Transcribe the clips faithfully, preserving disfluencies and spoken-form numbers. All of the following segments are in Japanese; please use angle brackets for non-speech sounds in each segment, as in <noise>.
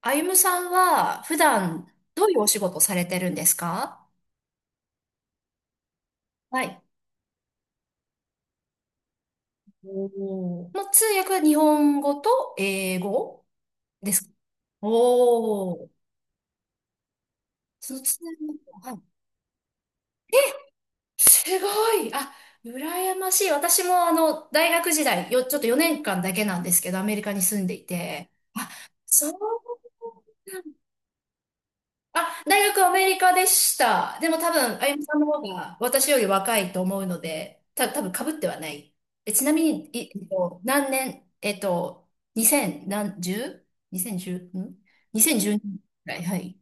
あゆむさんは普段どういうお仕事されてるんですか？はい。おー、も通訳は日本語と英語ですか？おー。その通訳、はい。すごい。あ、羨ましい。私もあの、大学時代、よ、ちょっとよねんかんだけなんですけど、アメリカに住んでいて。そう。あ、大学アメリカでした。でも多分、あゆみさんの方が私より若いと思うので、た、多分被ってはない。え、ちなみに、いえっと、何年、えっと、に ゼロ何、いち れい に れい いちん ?にせんじゅうに くらい、はい。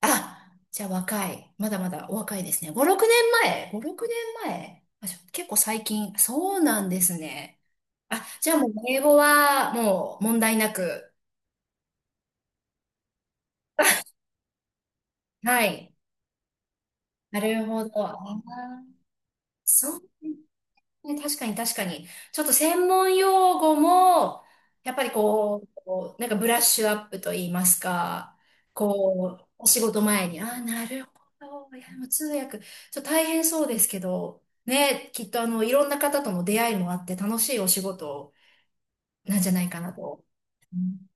あ、じゃあ若い。まだまだお若いですね。ご、ろくねんまえ？ ご、ろくねんまえ、あ、ちょ結構最近。そうなんですね。あ、じゃあもう英語はもう問題なく。はい。なるほど。あー、そう。ね、確かに確かに。ちょっと専門用語も、やっぱりこう、こうなんかブラッシュアップと言いますか、こう、お仕事前に、ああ、なるほど。いや、もう通訳、ちょっと大変そうですけど、ね、きっとあの、いろんな方との出会いもあって楽しいお仕事なんじゃないかなと。うん、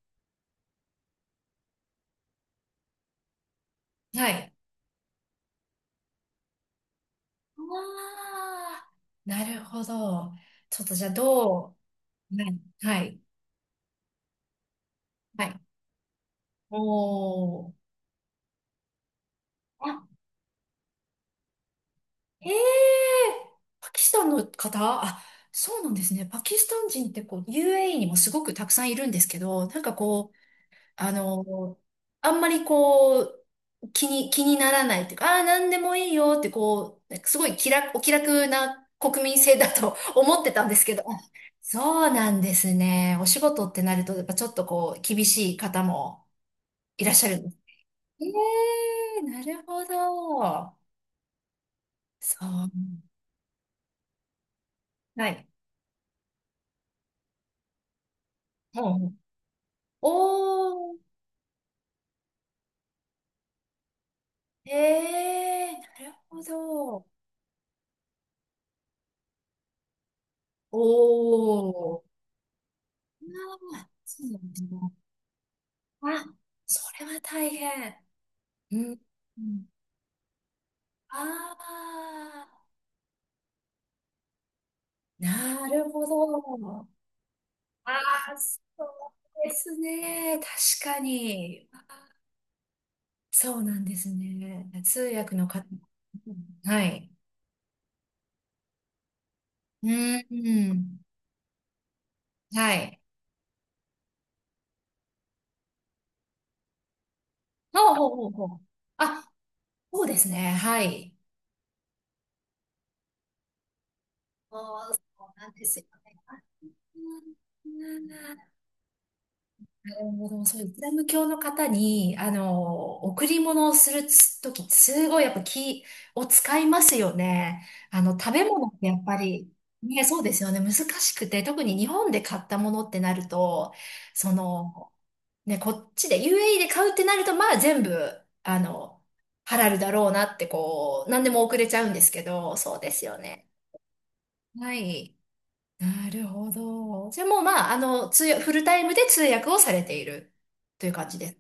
はい。ああ、なるほど。ちょっとじゃあどう、はい、はい、はい。おー。へえ、パキスタンの方、あ、そうなんですね。パキスタン人ってこう、ユーエーイー にもすごくたくさんいるんですけど、なんかこう、あの、あんまりこう、気に、気にならないっていうか、ああなんでもいいよってこう、なんかすごい気楽、お気楽な国民性だと <laughs> 思ってたんですけど、あ、そうなんですね。お仕事ってなると、やっぱちょっとこう、厳しい方もいらっしゃるんです。ええ、なるほど。そう。はい。もう、おー、ええ、なるほど。おお。ああ、そうなんですね。あ、それは大変。うん。うん、ああ、なるほど。ああ、そうですね。確かに。あ、そうなんですね。あ、それは大変。うん、うん、ああ、なるほど。ああ、そうですね。確かに、そうなんですね、通訳の方。はい。うん。うん、はい。ほうほうほうほう。あ、そうですね。はい。ああ、そうなんですよ。なるほど、そう、イスラム教の方に、あの、贈り物をするとき、すごいやっぱ気を使いますよね。あの、食べ物ってやっぱり、ね、そうですよね、難しくて、特に日本で買ったものってなると、その、ね、こっちで ユーエーイー で買うってなると、まあ全部、あの、ハラルだろうなって、こう、何でも送れちゃうんですけど、そうですよね。はい。なるほど。じゃあもう、まあ、あの、通訳、フルタイムで通訳をされているという感じです？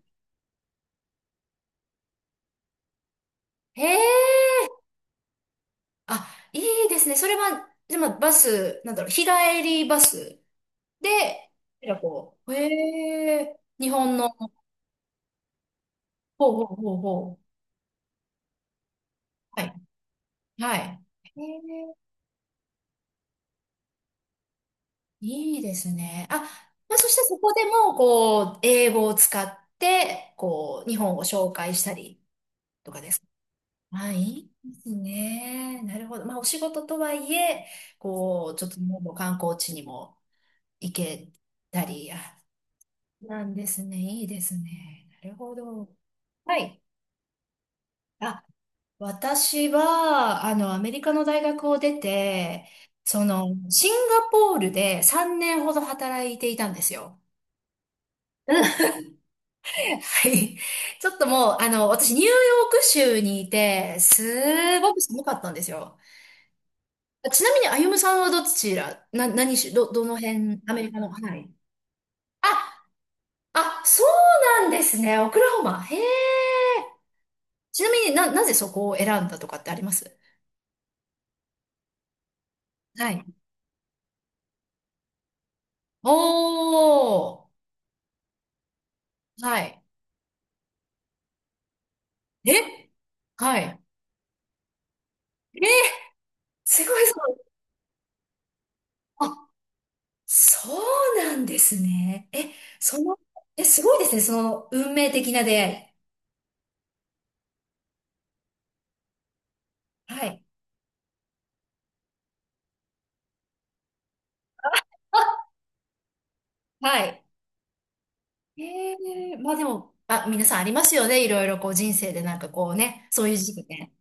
へえ、あ、いいですね。それは、でもバス、なんだろう、日帰りバスで、なんかこう、へえ、日本の、ほうほうほうほう。はい、はい。へえ、いいですね。あ、まあ、そしてそこでも、こう、英語を使って、こう、日本を紹介したりとかですか？あ、いいですね。なるほど。まあ、お仕事とはいえ、こう、ちょっともう観光地にも行けたり、あ、なんですね。いいですね。なるほど。はい。あ、私は、あの、アメリカの大学を出て、その、シンガポールでさんねんほど働いていたんですよ。うん。<laughs> はい。<laughs> ちょっともう、あの、私、ニューヨーク州にいて、すごく寒かったんですよ。あ、ちなみに、歩夢さんはどちら、な、何し、ど、どの辺、アメリカの、はい。あ、あ、そうなんですね。オクラホマ。へえ。ちなみにな、なぜそこを選んだとかってあります。はい。おー。はい。えはい。えーすごい、そう。あ、そうなんですね。え、その、え、すごいですね。その、運命的な出会い。はい。はい。ええ、まあでも、あ、皆さんありますよね。いろいろこう人生でなんかこうね、そういう時期ね。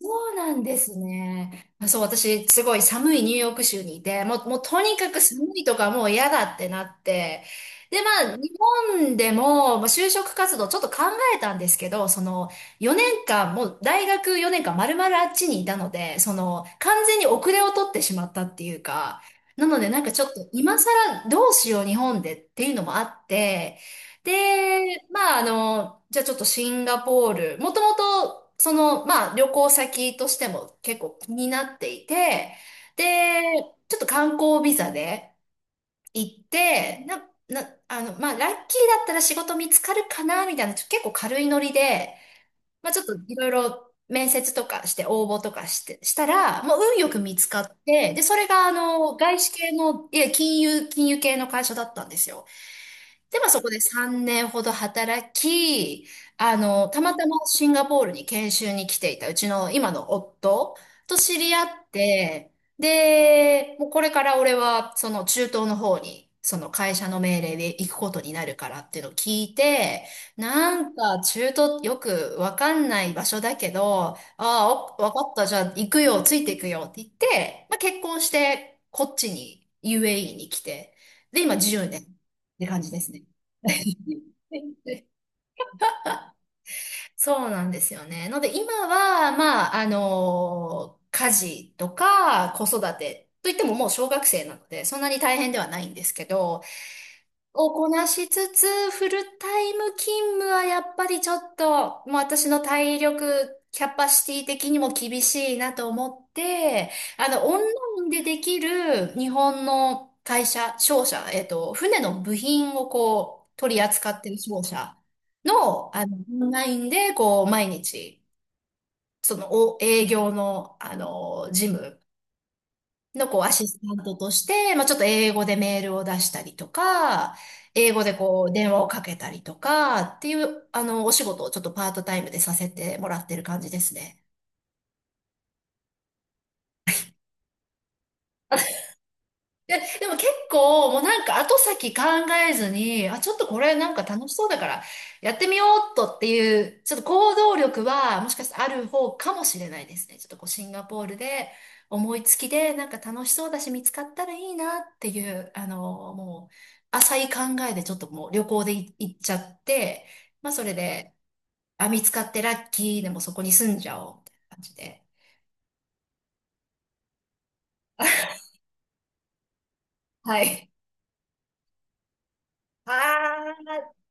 そうなんですね。あ、そう、私、すごい寒いニューヨーク州にいて、もう、もうとにかく寒いとかもう嫌だってなって。で、まあ、日本でも、まあ、就職活動ちょっと考えたんですけど、その、よねんかん、もう大学よねんかん丸々あっちにいたので、その、完全に遅れを取ってしまったっていうか、なのでなんかちょっと今更どうしよう日本でっていうのもあって、で、まあ、あの、じゃあちょっとシンガポール、もともと、その、まあ、旅行先としても結構気になっていて、で、ちょっと観光ビザで行って、な、な、あの、まあ、ラッキーだったら仕事見つかるかな、みたいな、ちょ結構軽いノリで、まあ、ちょっといろいろ面接とかして応募とかして、したら、もう運よく見つかって、で、それがあの、外資系の、いや、金融、金融系の会社だったんですよ。で、まあそこでさんねんほど働き、あの、たまたまシンガポールに研修に来ていたうちの今の夫と知り合って、で、もうこれから俺はその中東の方に、その会社の命令で行くことになるからっていうのを聞いて、なんか中東よくわかんない場所だけど、ああ、おわかった、じゃあ行くよ、ついていくよって言って、まあ結婚してこっちに ユーエーイー に来て、で、今じゅうねん。て感じですね。<laughs> そうなんですよね。ので今は、まあ、あの家事とか子育てといってももう小学生なので、そんなに大変ではないんですけど、をこなしつつ、フルタイム勤務はやっぱりちょっと、もう私の体力、キャパシティ的にも厳しいなと思って、あの、オンラインでできる日本の会社、商社、えっと、船の部品をこう、取り扱ってる商社の、あの、オンラインで、こう、毎日、その、お、営業の、あの、事務のこうアシスタントとして、まあ、ちょっと英語でメールを出したりとか、英語でこう電話をかけたりとかっていう、あの、お仕事をちょっとパートタイムでさせてもらってる感じですね。で、でも結構、もうなんか後先考えずに、あ、ちょっとこれなんか楽しそうだから、やってみようっとっていう、ちょっと行動力は、もしかしたらある方かもしれないですね。ちょっとこう、シンガポールで、思いつきで、なんか楽しそうだし、見つかったらいいなっていう、あの、もう、浅い考えでちょっともう旅行でい行っちゃって、まあそれで、あ、見つかってラッキーでもそこに住んじゃおう、みたいな感じで。はい。ああ。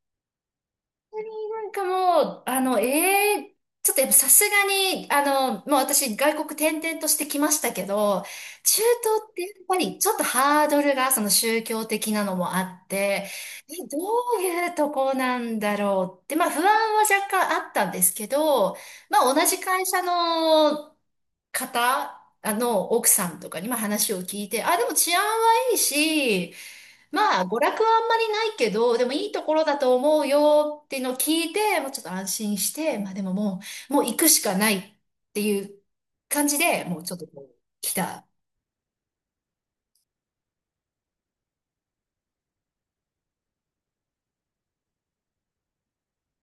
当になんかもう、あの、ええちょっとやっぱさすがに、あの、もう私外国転々としてきましたけど、中東ってやっぱりちょっとハードルがその宗教的なのもあって、え、どういうとこなんだろうって、まあ不安は若干あったんですけど、まあ同じ会社の方、あの、奥さんとかにも話を聞いて、あ、でも治安はいいし、まあ、娯楽はあんまりないけど、でもいいところだと思うよっていうのを聞いて、もうちょっと安心して、まあでももう、もう行くしかないっていう感じで、もうちょっとこう、来た。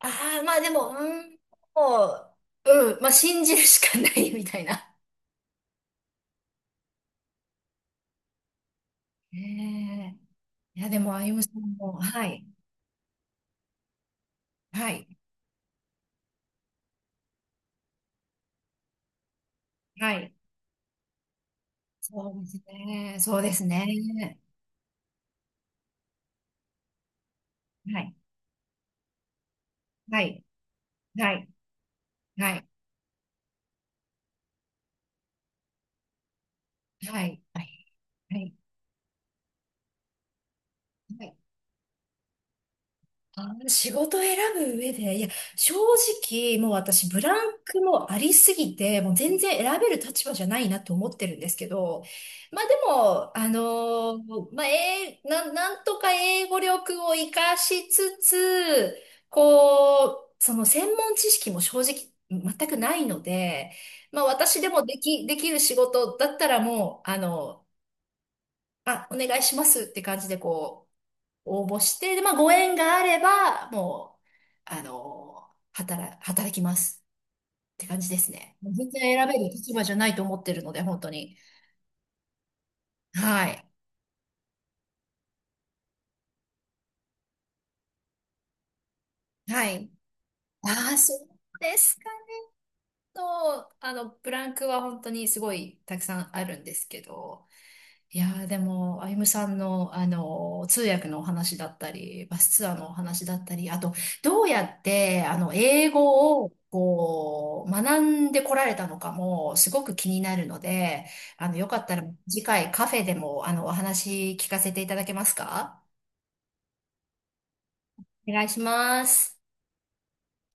ああ、まあでも、うん、もう、うん、まあ信じるしかないみたいな。ねえ、いや、でも、あゆむさんも、はい、はい、はい。そうですね。そうですね。はい、はい。はい、はい、はい、はい。はい。はい、あー、仕事を選ぶ上で、いや、正直、もう私、ブランクもありすぎて、もう全然選べる立場じゃないなと思ってるんですけど、まあでも、あのーまあ、えー、な、なんとか英語力を活かしつつ、こう、その専門知識も正直、全くないので、まあ私でもでき、できる仕事だったらもう、あの、あ、お願いしますって感じでこう、応募して、で、まあ、ご縁があれば、もう、あの、働、働きますって感じですね。もう全然選べる立場じゃないと思ってるので、本当に。はい。はい。ああ、そうですか？と、あの、ブランクは本当にすごいたくさんあるんですけど、いやーでも、あゆむさんの、あの、通訳のお話だったり、バスツアーのお話だったり、あと、どうやって、あの、英語を、こう、学んでこられたのかも、すごく気になるので、あの、よかったら、次回カフェでも、あの、お話聞かせていただけますか？お願いします。